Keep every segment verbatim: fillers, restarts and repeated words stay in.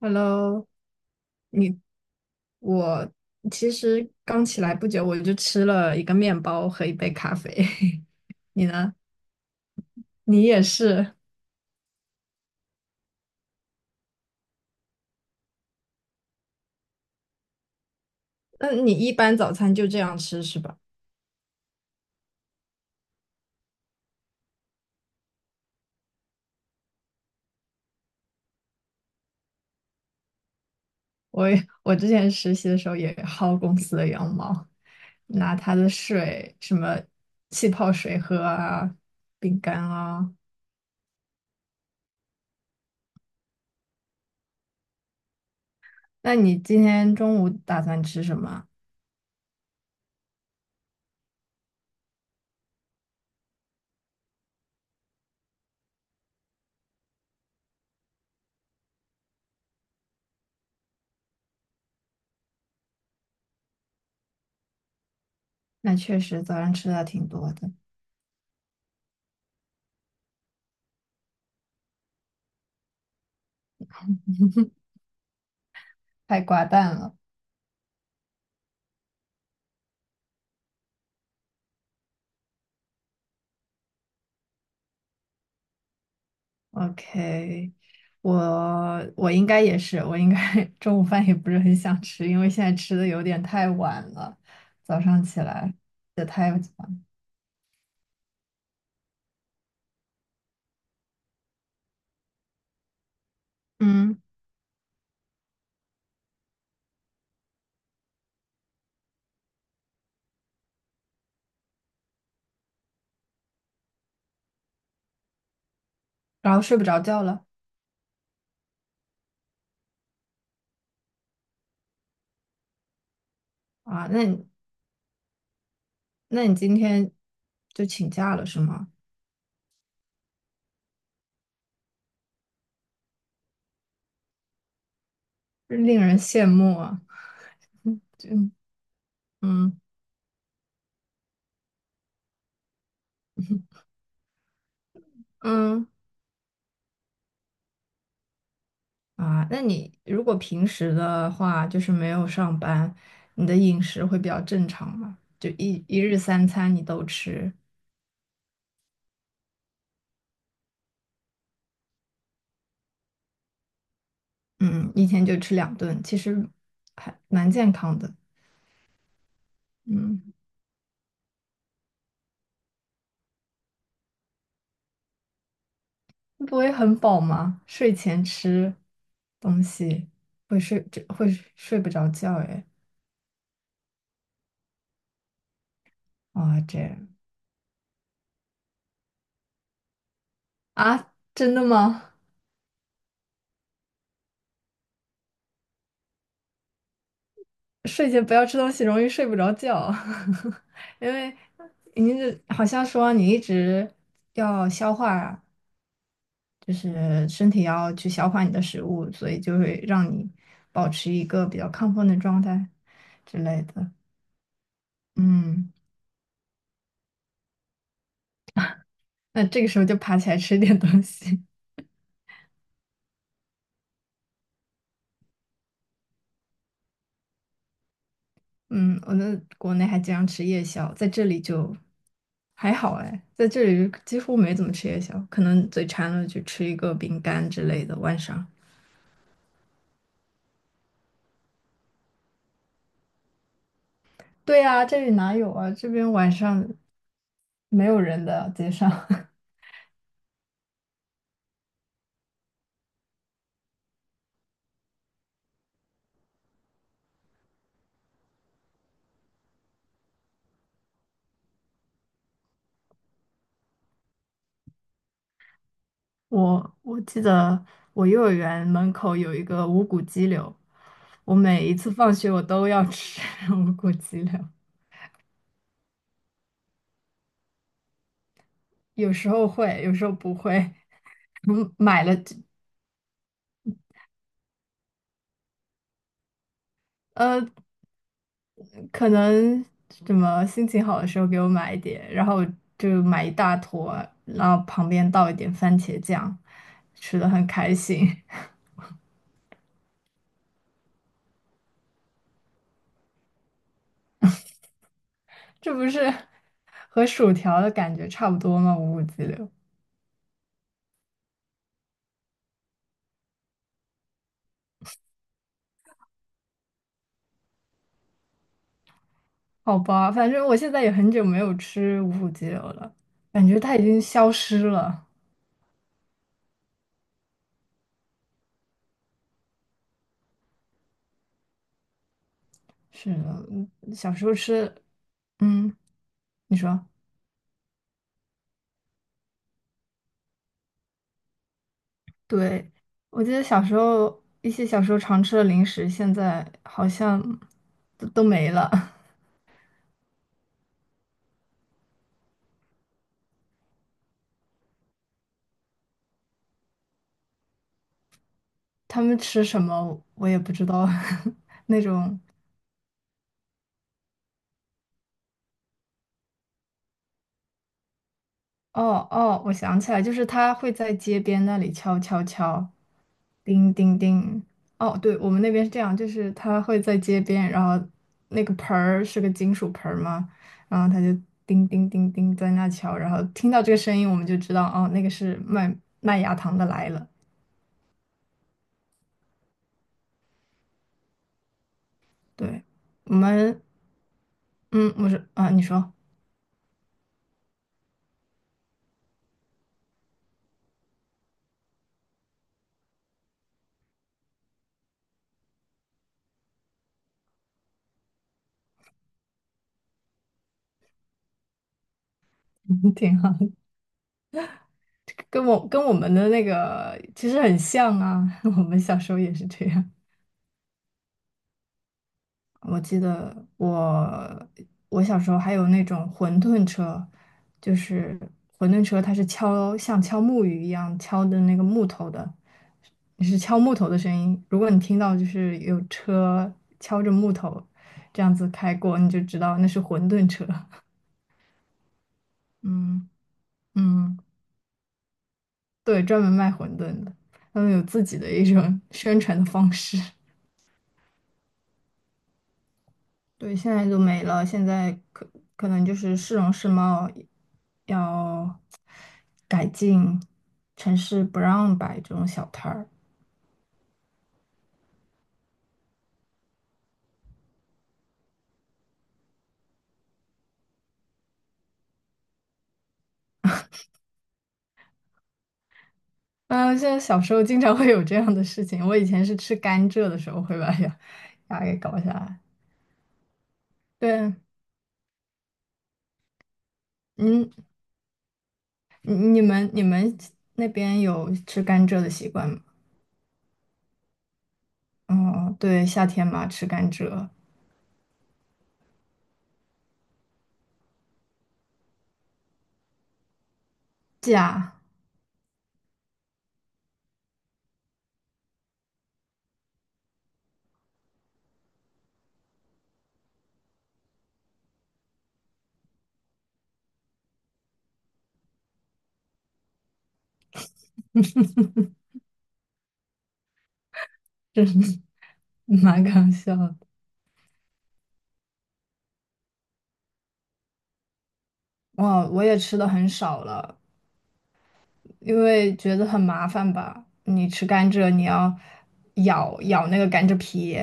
Hello，你我其实刚起来不久，我就吃了一个面包和一杯咖啡。你呢？你也是？那你一般早餐就这样吃是吧？我也我之前实习的时候也薅公司的羊毛，拿他的水什么气泡水喝啊，饼干啊。那你今天中午打算吃什么？那确实早上吃的挺多的，太寡淡了。OK，我我应该也是，我应该 中午饭也不是很想吃，因为现在吃的有点太晚了，早上起来也太晚，嗯，然后睡不着觉了啊。那你那你今天就请假了是吗？令人羡慕啊。嗯嗯嗯 嗯啊，那你如果平时的话，就是没有上班，你的饮食会比较正常吗？就一一日三餐你都吃？嗯，一天就吃两顿，其实还蛮健康的。嗯，不会很饱吗？睡前吃东西会睡，这会睡不着觉哎。啊，这样啊，真的吗？睡前不要吃东西，容易睡不着觉，因为您这好像说你一直要消化啊，就是身体要去消化你的食物，所以就会让你保持一个比较亢奋的状态之类的。嗯。那这个时候就爬起来吃点东西。嗯，我在国内还经常吃夜宵，在这里就还好哎，在这里就几乎没怎么吃夜宵，可能嘴馋了就吃一个饼干之类的。晚上，对啊，这里哪有啊？这边晚上没有人的街上。我我记得我幼儿园门口有一个无骨鸡柳，我每一次放学我都要吃 无骨鸡柳，有时候会，有时候不会，嗯买了就呃，可能什么心情好的时候给我买一点，然后就买一大坨，然后旁边倒一点番茄酱，吃的很开心。这不是和薯条的感觉差不多吗？五谷鸡柳，好吧，反正我现在也很久没有吃五谷鸡柳了，感觉它已经消失了。是的，嗯小时候吃嗯，你说，对。我记得小时候一些小时候常吃的零食，现在好像都都没了。他们吃什么我也不知道，那种哦哦，我想起来，就是他会在街边那里敲敲敲，叮叮叮。哦，对，我们那边是这样，就是他会在街边，然后那个盆儿是个金属盆儿嘛，然后他就叮叮叮叮在那敲，然后听到这个声音我们就知道，哦，那个是卖麦芽糖的来了。对，我们，嗯，我说啊，你说，挺好。跟我跟我们的那个其实很像啊，我们小时候也是这样。我记得我我小时候还有那种馄饨车，就是馄饨车，它是敲像敲木鱼一样敲的那个木头的，你是敲木头的声音。如果你听到就是有车敲着木头这样子开过，你就知道那是馄饨车。嗯嗯，对，专门卖馄饨的，他们有自己的一种宣传的方式。对，现在都没了，现在可可能就是市容市貌要改进，城市不让摆这种小摊儿。啊，现在小时候经常会有这样的事情，我以前是吃甘蔗的时候会把牙牙给搞下来。对，嗯，你你们你们那边有吃甘蔗的习惯吗？哦，对，夏天嘛，吃甘蔗，假，真是蛮搞笑的。哇，我也吃的很少了，因为觉得很麻烦吧。你吃甘蔗，你要咬咬那个甘蔗皮，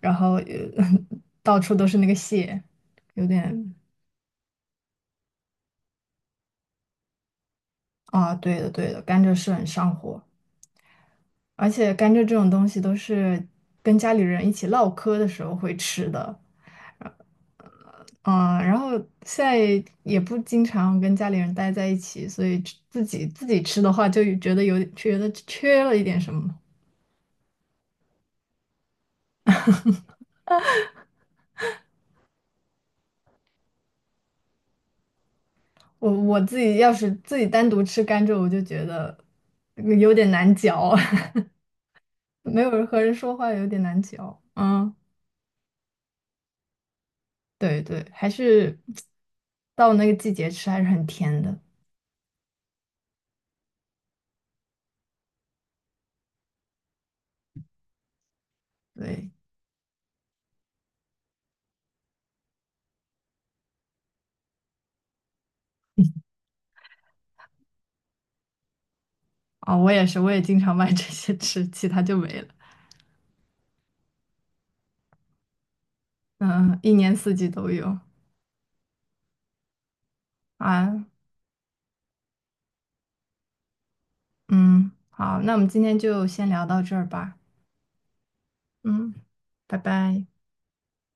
然后呃 到处都是那个屑，有点啊，对的对的，甘蔗是很上火，而且甘蔗这种东西都是跟家里人一起唠嗑的时候会吃的。嗯，然后现在也不经常跟家里人待在一起，所以自己自己吃的话，就觉得有觉得缺了一点什么。我我自己要是自己单独吃甘蔗，我就觉得有点难嚼，没有人和人说话有点难嚼。嗯，对对，还是到那个季节吃还是很甜的。对，啊、我也是，我也经常买 这些吃，其他就没了。嗯，一年四季都有啊。嗯，好，那我们今天就先聊到这儿吧。嗯，拜拜。